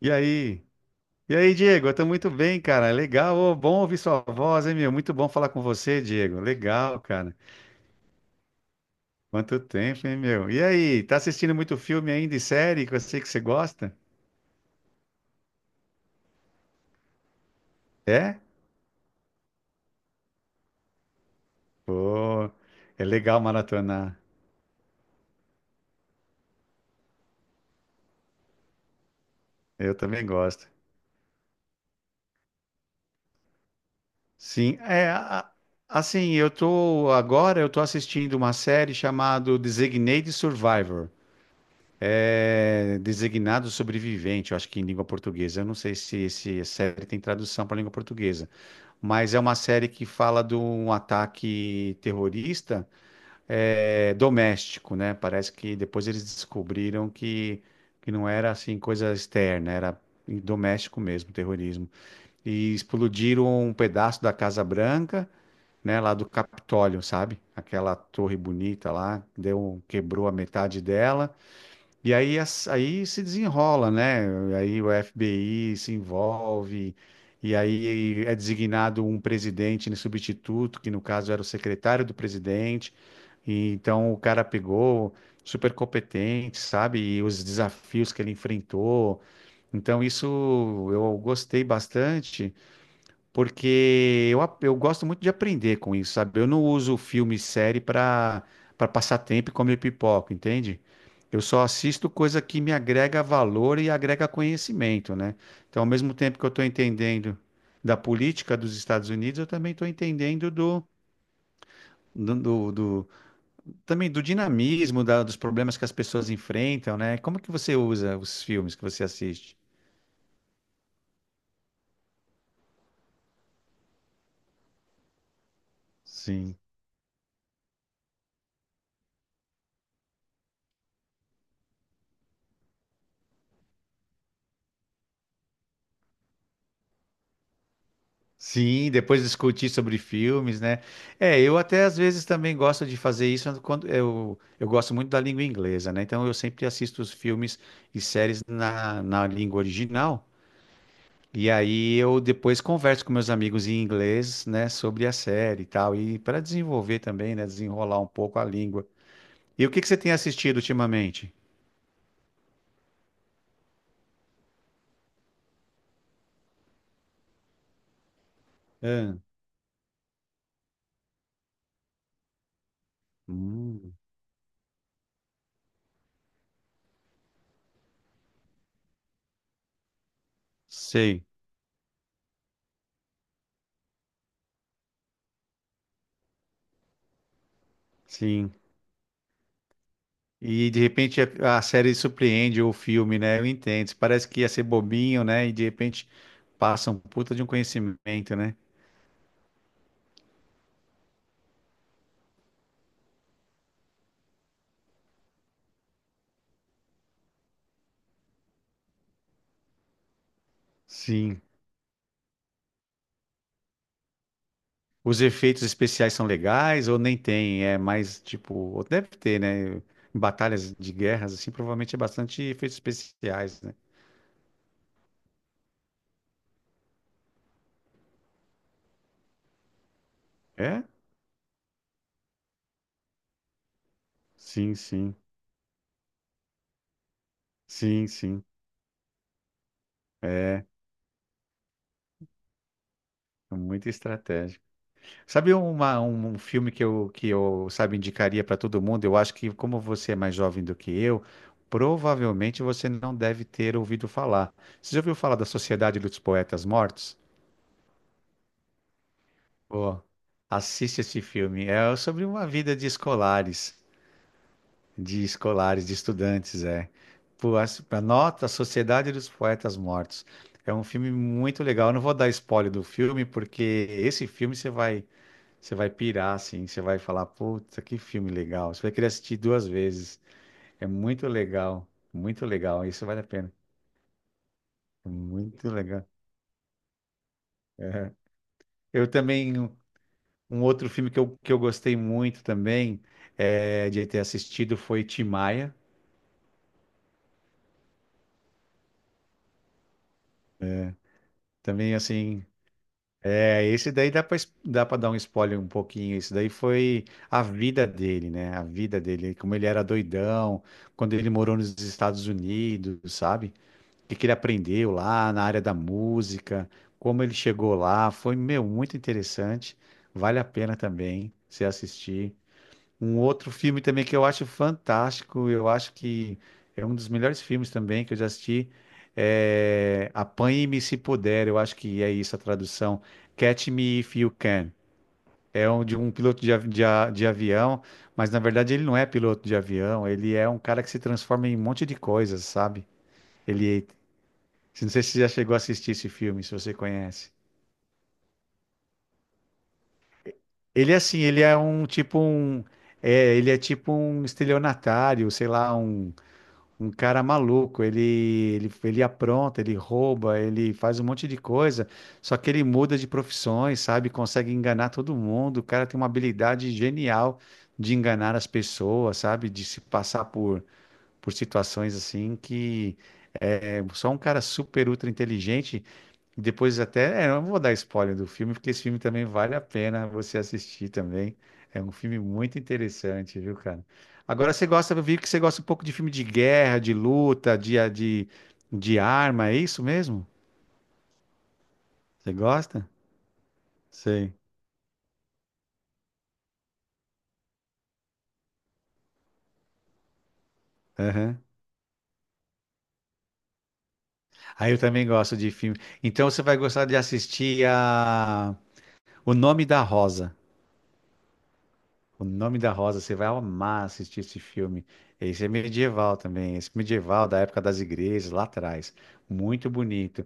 E aí? E aí, Diego? Eu tô muito bem, cara. Legal, ô, bom ouvir sua voz, hein, meu? Muito bom falar com você, Diego. Legal, cara. Quanto tempo, hein, meu? E aí, tá assistindo muito filme ainda e série que eu sei que você gosta? É? Pô, é legal maratonar. Eu também gosto. Sim, assim, agora eu tô assistindo uma série chamada Designated Survivor. É designado sobrevivente, eu acho que em língua portuguesa. Eu não sei se essa série tem tradução para língua portuguesa. Mas é uma série que fala de um ataque terrorista doméstico, né? Parece que depois eles descobriram que não era assim coisa externa, era doméstico mesmo, terrorismo. E explodiram um pedaço da Casa Branca, né? Lá do Capitólio, sabe? Aquela torre bonita lá, deu, quebrou a metade dela. E aí, aí se desenrola, né? Aí o FBI se envolve, e aí é designado um presidente, né, substituto, que no caso era o secretário do presidente. E então o cara pegou, super competente, sabe? E os desafios que ele enfrentou. Então, isso eu gostei bastante porque eu gosto muito de aprender com isso, sabe? Eu não uso filme e série para passar tempo e comer pipoca, entende? Eu só assisto coisa que me agrega valor e agrega conhecimento, né? Então, ao mesmo tempo que eu estou entendendo da política dos Estados Unidos, eu também estou entendendo do, do- do- também do dinamismo, dos problemas que as pessoas enfrentam, né? Como que você usa os filmes que você assiste? Sim. Sim, depois discutir sobre filmes, né? É, eu até às vezes também gosto de fazer isso quando eu gosto muito da língua inglesa, né? Então eu sempre assisto os filmes e séries na, na língua original. E aí eu depois converso com meus amigos em inglês, né, sobre a série e tal, e para desenvolver também, né, desenrolar um pouco a língua. E o que que você tem assistido ultimamente? Ah, hum, sei, sim. E de repente a série surpreende ou o filme, né? Eu entendo. Parece que ia ser bobinho, né? E de repente passa um puta de um conhecimento, né? Sim. Os efeitos especiais são legais ou nem tem? É mais tipo, ou deve ter, né? Em Batalhas de guerras, assim, provavelmente é bastante efeitos especiais, né? É? Sim, sim. Sim, sim. É, é muita estratégia. Sabe uma, um um filme que sabe, indicaria para todo mundo? Eu acho que, como você é mais jovem do que eu, provavelmente você não deve ter ouvido falar. Você já ouviu falar da Sociedade dos Poetas Mortos? Pô, assiste esse filme. É sobre uma vida de escolares, de escolares, de estudantes, é. Pô, anota a Sociedade dos Poetas Mortos. É um filme muito legal. Eu não vou dar spoiler do filme, porque esse filme você vai. Você vai pirar, assim, você vai falar, puta, que filme legal. Você vai querer assistir duas vezes. É muito legal, muito legal. Isso vale a pena. É muito legal. É. Eu também, um outro filme que eu gostei muito também de ter assistido foi Tim Maia. Também, assim, é, esse daí dá para dar um spoiler um pouquinho. Esse daí foi a vida dele, né? A vida dele, como ele era doidão, quando ele morou nos Estados Unidos, sabe? O que que ele aprendeu lá na área da música, como ele chegou lá. Foi, meu, muito interessante. Vale a pena também você assistir. Um outro filme também que eu acho fantástico, eu acho que é um dos melhores filmes também que eu já assisti. É Apanhe-me se puder, eu acho que é isso a tradução. Catch me if you can. É um, de um piloto de avião, mas na verdade ele não é piloto de avião, ele é um cara que se transforma em um monte de coisas, sabe? Ele, não sei se você já chegou a assistir esse filme, se você conhece. Ele é assim, ele é um tipo um, é, ele é tipo um estelionatário, sei lá, um cara maluco. Ele apronta, ele rouba, ele faz um monte de coisa. Só que ele muda de profissões, sabe? Consegue enganar todo mundo. O cara tem uma habilidade genial de enganar as pessoas, sabe? De se passar por situações assim que é só um cara super ultra inteligente. Depois até, eu não vou dar spoiler do filme, porque esse filme também vale a pena você assistir também. É um filme muito interessante, viu, cara? Agora você gosta, eu vi que você gosta um pouco de filme de guerra, de luta, de arma, é isso mesmo? Você gosta? Sei. Aham. Aí eu também gosto de filme. Então você vai gostar de assistir a O Nome da Rosa. O Nome da Rosa, você vai amar assistir esse filme. Esse é medieval também, esse medieval da época das igrejas, lá atrás. Muito bonito.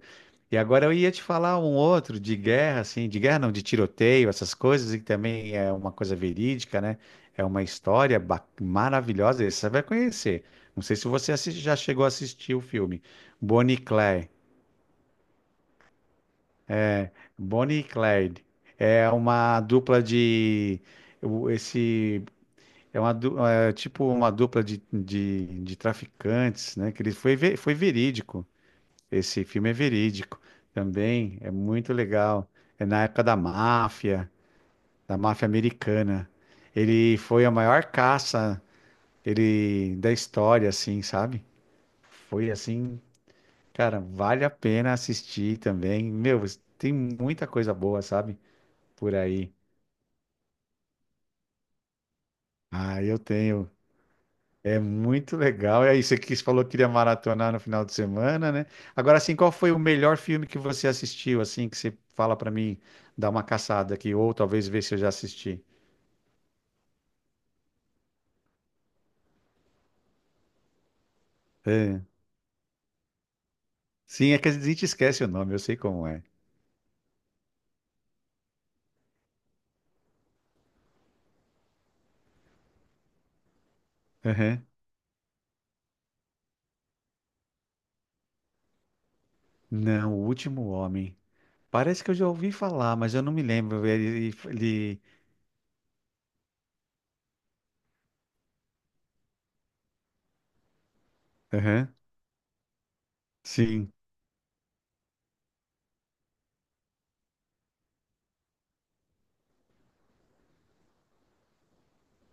E agora eu ia te falar um outro de guerra, assim, de guerra não, de tiroteio, essas coisas, e que também é uma coisa verídica, né? É uma história maravilhosa, esse você vai conhecer. Não sei se você já chegou a assistir o filme. Bonnie e Clyde. Bonnie e Clyde. É uma dupla de. O- esse, é uma, é tipo uma dupla de traficantes, né? Que ele foi, foi verídico. Esse filme é verídico também. É muito legal. É na época da máfia americana. Ele foi a maior caça ele da história, assim, sabe? Foi assim, cara, vale a pena assistir também. Meu, tem muita coisa boa, sabe? Por aí. Ah, eu tenho. É muito legal. E aí, você quis, falou que iria maratonar no final de semana, né? Agora, assim, qual foi o melhor filme que você assistiu, assim, que você fala pra mim dar uma caçada aqui, ou talvez ver se eu já assisti? É. Sim, é que a gente esquece o nome, eu sei como é. Uhum. Não, O Último Homem. Parece que eu já ouvi falar, mas eu não me lembro. Ele... Uhum. Sim.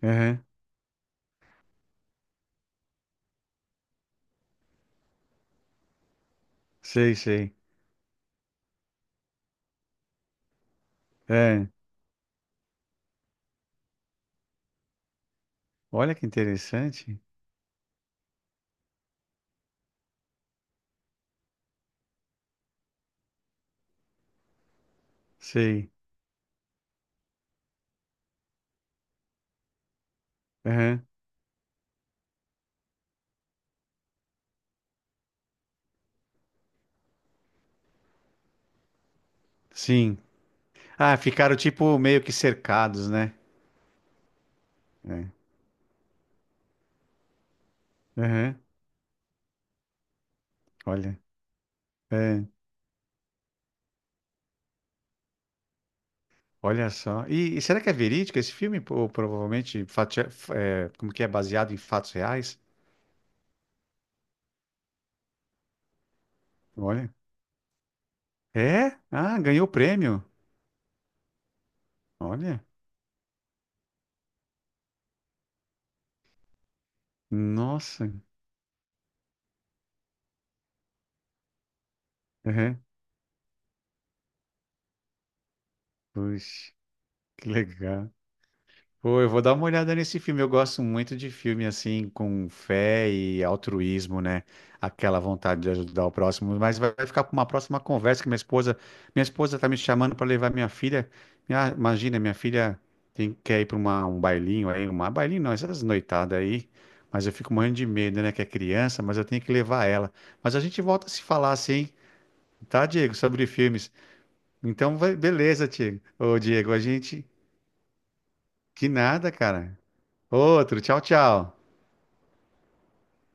Uhum. Sei, sei. É. Olha que interessante. Sei. Uhum. Sim. Ah, ficaram tipo meio que cercados, né? É. Aham. Olha, é, olha só. E será que é verídico esse filme? Ou provavelmente é, como que é baseado em fatos reais? Olha, é? Ah, ganhou o prêmio. Olha, nossa. Aham. Puxa, que legal. Pô, eu vou dar uma olhada nesse filme. Eu gosto muito de filme assim, com fé e altruísmo, né? Aquela vontade de ajudar o próximo. Mas vai ficar para uma próxima conversa que minha esposa tá me chamando para levar minha filha. Imagina, minha filha tem quer ir para uma um bailinho aí, uma bailinho não, essas noitadas aí. Mas eu fico morrendo de medo, né? Que é criança, mas eu tenho que levar ela. Mas a gente volta a se falar assim, tá, Diego? Sobre filmes. Então, beleza, Diego. Ô, Diego, a gente. Que nada, cara. Outro, tchau, tchau.